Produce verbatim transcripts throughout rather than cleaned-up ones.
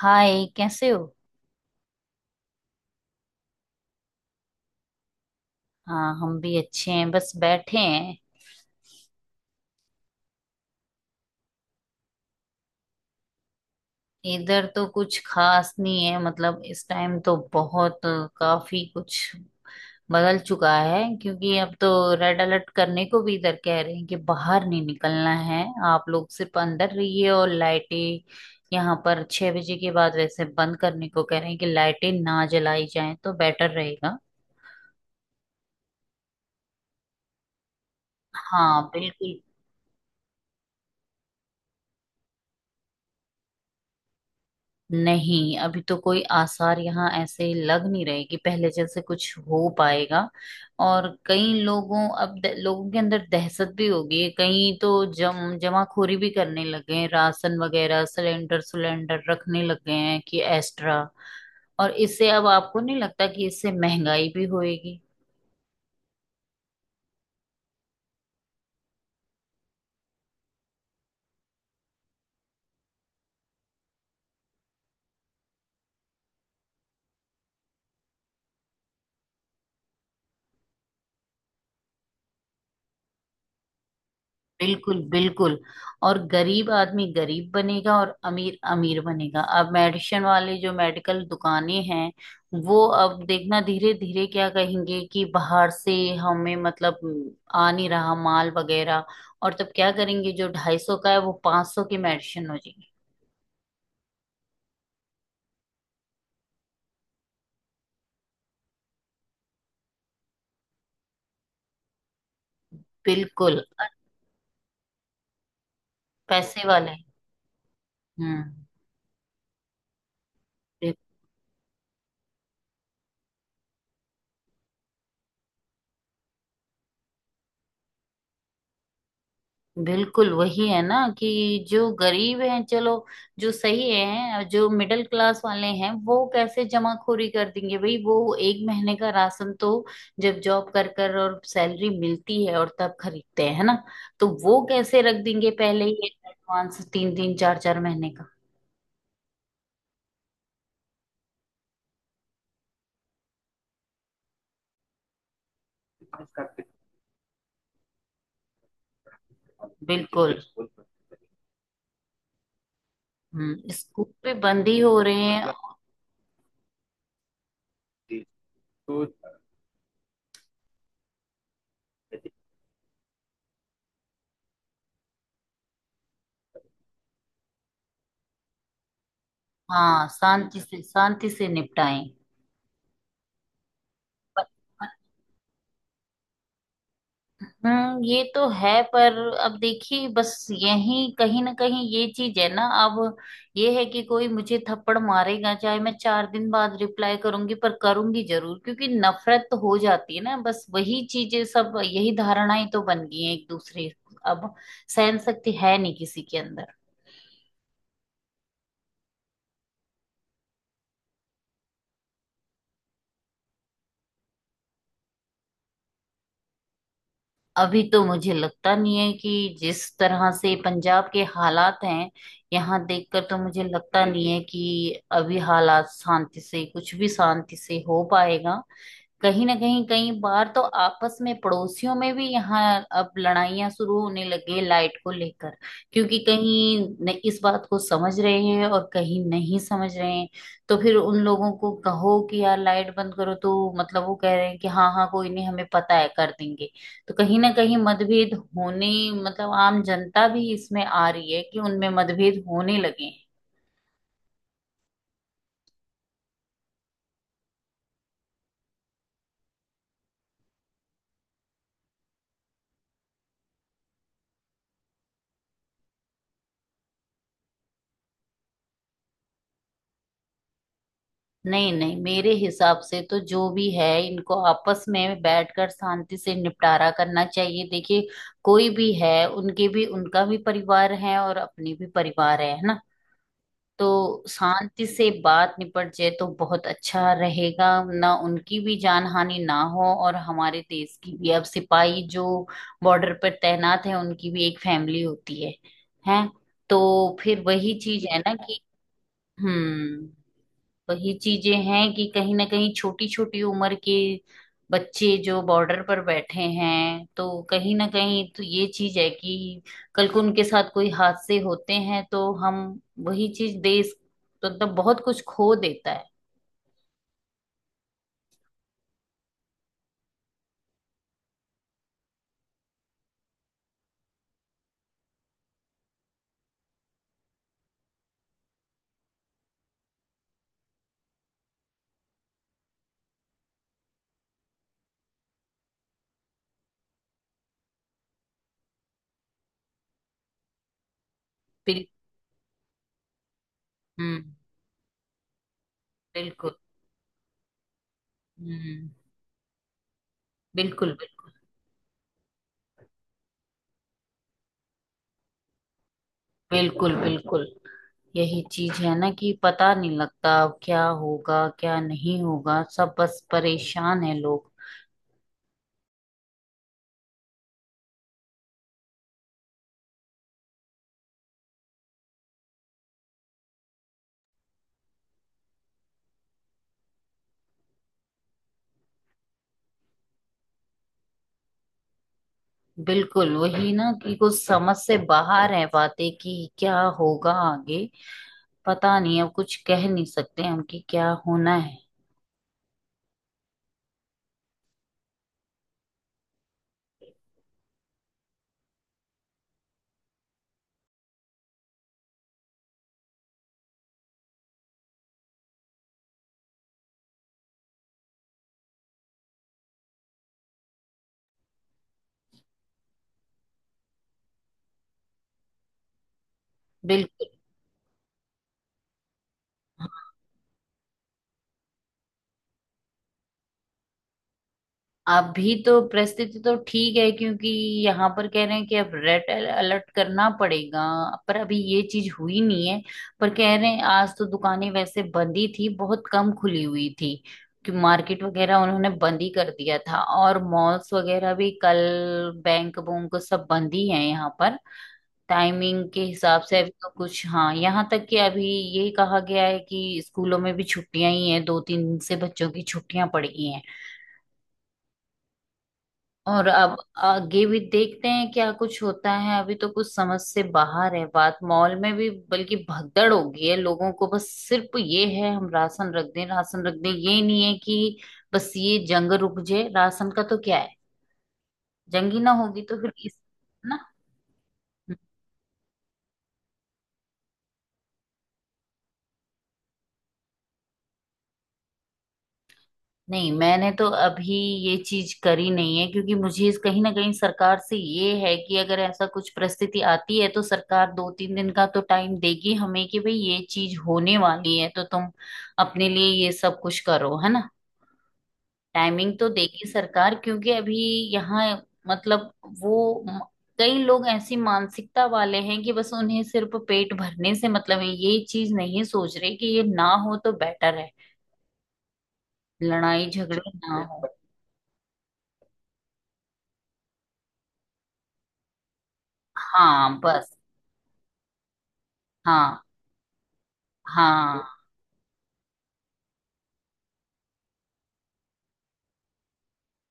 हाय, कैसे हो? हाँ, हम भी अच्छे हैं, बस बैठे हैं। इधर तो कुछ खास नहीं है। मतलब, इस टाइम तो बहुत काफी कुछ बदल चुका है, क्योंकि अब तो रेड अलर्ट करने को भी इधर कह रहे हैं कि बाहर नहीं निकलना है, आप लोग सिर्फ अंदर रहिए। और लाइटें यहाँ पर छह बजे के बाद वैसे बंद करने को कह रहे हैं कि लाइटें ना जलाई जाएं तो बेटर रहेगा। हाँ बिल्कुल। नहीं, अभी तो कोई आसार यहाँ ऐसे लग नहीं रहे कि पहले जैसे कुछ हो पाएगा। और कई लोगों, अब द- लोगों के अंदर दहशत भी होगी। कई तो जम जमाखोरी भी करने लगे हैं, राशन वगैरह, सिलेंडर सिलेंडर रखने लग गए हैं कि एक्स्ट्रा। और इससे अब आपको नहीं लगता कि इससे महंगाई भी होएगी? बिल्कुल बिल्कुल और गरीब आदमी गरीब बनेगा और अमीर अमीर बनेगा। अब मेडिसिन वाले, जो मेडिकल दुकानें हैं, वो अब देखना धीरे धीरे क्या कहेंगे कि बाहर से हमें, मतलब, आ नहीं रहा माल वगैरह। और तब क्या करेंगे? जो ढाई सौ का है वो पांच सौ की मेडिसिन हो जाएगी। बिल्कुल। पैसे वाले। हम्म। बिल्कुल। वही है ना कि जो गरीब हैं, चलो, जो सही हैं, और जो मिडिल क्लास वाले हैं, वो कैसे जमाखोरी कर देंगे भाई? वो एक महीने का राशन तो जब जॉब कर कर और सैलरी मिलती है, और तब खरीदते हैं, है ना? तो वो कैसे रख देंगे पहले ही एडवांस तीन तीन चार चार महीने का? बिल्कुल। हम्म, स्कूल पे बंद ही हो रहे हैं। हाँ, शांति से शांति से निपटाएं। हम्म, ये तो है, पर अब देखिए, बस यही कहीं ना कहीं ये चीज है ना। अब ये है कि कोई मुझे थप्पड़ मारेगा, चाहे मैं चार दिन बाद रिप्लाई करूंगी, पर करूंगी जरूर, क्योंकि नफरत तो हो जाती है ना। बस वही चीजें, सब यही धारणाएं तो बन गई हैं एक दूसरे। अब सहन शक्ति है नहीं किसी के अंदर। अभी तो मुझे लगता नहीं है कि जिस तरह से पंजाब के हालात हैं, यहाँ देखकर तो मुझे लगता नहीं है कि अभी हालात शांति से, कुछ भी शांति से हो पाएगा। कहीं ना कहीं कई बार तो आपस में पड़ोसियों में भी यहाँ अब लड़ाइयां शुरू होने लगे, लाइट को लेकर, क्योंकि कहीं न- इस बात को समझ रहे हैं और कहीं नहीं समझ रहे हैं। तो फिर उन लोगों को कहो कि यार, लाइट बंद करो, तो मतलब वो कह रहे हैं कि हाँ हाँ कोई नहीं, हमें पता है, कर देंगे। तो कहीं ना कहीं मतभेद होने, मतलब आम जनता भी इसमें आ रही है कि उनमें मतभेद होने लगे हैं। नहीं नहीं, मेरे हिसाब से तो जो भी है, इनको आपस में बैठकर शांति से निपटारा करना चाहिए। देखिए, कोई भी है, उनके भी, उनका भी परिवार है, और अपनी भी परिवार है है ना? तो शांति से बात निपट जाए तो बहुत अच्छा रहेगा ना। उनकी भी जान हानि ना हो, और हमारे देश की भी। अब सिपाही जो बॉर्डर पर तैनात है, उनकी भी एक फैमिली होती है, हैं। तो फिर वही चीज है ना कि, हम्म, वही चीजें हैं कि कहीं ना कहीं छोटी छोटी उम्र के बच्चे जो बॉर्डर पर बैठे हैं, तो कहीं ना कहीं तो ये चीज है कि कल को उनके साथ कोई हादसे होते हैं तो हम, वही चीज, देश तो मतलब बहुत कुछ खो देता है। बिल, हम्म। बिल्कुल। हम्म। बिल्कुल बिल्कुल। बिल्कुल बिल्कुल। यही चीज है ना कि पता नहीं लगता अब क्या होगा, क्या नहीं होगा। सब बस परेशान है लोग। बिल्कुल वही ना कि कुछ समझ से बाहर है बातें कि क्या होगा आगे। पता नहीं, अब कुछ कह नहीं सकते हम कि क्या होना है। बिल्कुल। अभी तो परिस्थिति तो ठीक है, क्योंकि यहाँ पर कह रहे हैं कि अब रेड अलर्ट करना पड़ेगा, पर अभी ये चीज हुई नहीं है। पर कह रहे हैं, आज तो दुकानें वैसे बंद ही थी, बहुत कम खुली हुई थी। कि मार्केट वगैरह उन्होंने बंद ही कर दिया था, और मॉल्स वगैरह भी कल, बैंक बुंक सब बंद ही है यहाँ पर। टाइमिंग के हिसाब से अभी तो कुछ, हाँ, यहाँ तक कि अभी ये कहा गया है कि स्कूलों में भी छुट्टियां ही हैं, दो तीन दिन से बच्चों की छुट्टियां पड़ गई हैं। और अब आगे भी देखते हैं क्या कुछ होता है। अभी तो कुछ समझ से बाहर है बात। मॉल में भी बल्कि भगदड़ हो गई है लोगों को, बस सिर्फ ये है, हम राशन रख दें, राशन रख दें। ये नहीं है कि बस ये जंग रुक जाए। राशन का तो क्या है, जंग ही ना होगी तो फिर इस, ना। नहीं, मैंने तो अभी ये चीज करी नहीं है, क्योंकि मुझे इस- कहीं ना कहीं सरकार से ये है कि अगर ऐसा कुछ परिस्थिति आती है तो सरकार दो तीन दिन का तो टाइम देगी हमें कि भाई, ये चीज होने वाली है, तो तुम अपने लिए ये सब कुछ करो, है ना। टाइमिंग तो देगी सरकार, क्योंकि अभी यहाँ, मतलब, वो म- कई लोग ऐसी मानसिकता वाले हैं कि बस उन्हें सिर्फ पेट भरने से मतलब है। ये चीज नहीं सोच रहे कि ये ना हो तो बेटर है, लड़ाई झगड़े ना हो। हाँ, बस। हाँ हाँ।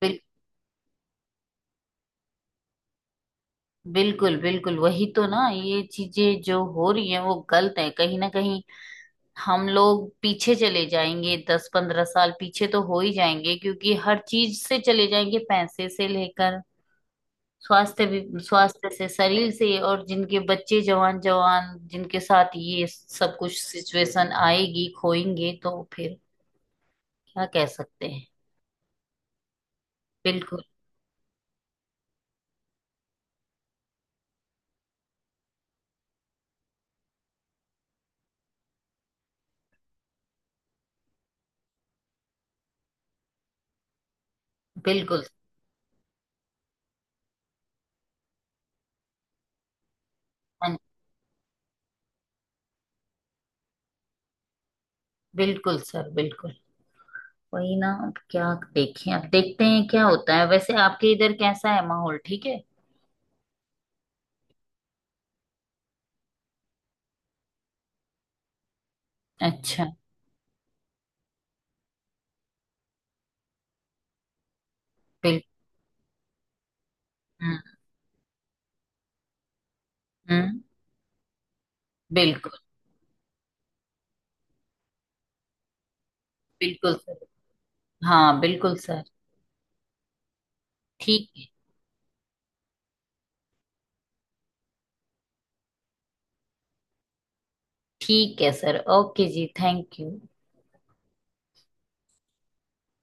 बिल, बिल्कुल बिल्कुल। वही तो ना, ये चीजें जो हो रही हैं वो गलत है। कहीं ना कहीं हम लोग पीछे चले जाएंगे, दस पंद्रह साल पीछे तो हो ही जाएंगे, क्योंकि हर चीज से चले जाएंगे, पैसे से लेकर स्वास्थ्य भी, स्वास्थ्य से, शरीर से। और जिनके बच्चे जवान, जवान जिनके साथ ये सब कुछ सिचुएशन आएगी, खोएंगे तो फिर क्या कह सकते हैं। बिल्कुल। बिल्कुल। बिल्कुल सर, बिल्कुल। वही ना, अब क्या देखें, अब देखते हैं क्या होता है। वैसे आपके इधर कैसा है? माहौल ठीक है? अच्छा। बिल्कुल। हम्म। हम्म। बिल्कुल। बिल्कुल सर। हाँ बिल्कुल सर। ठीक है। ठीक है सर, ओके जी, थैंक यू।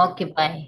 Okay, bye.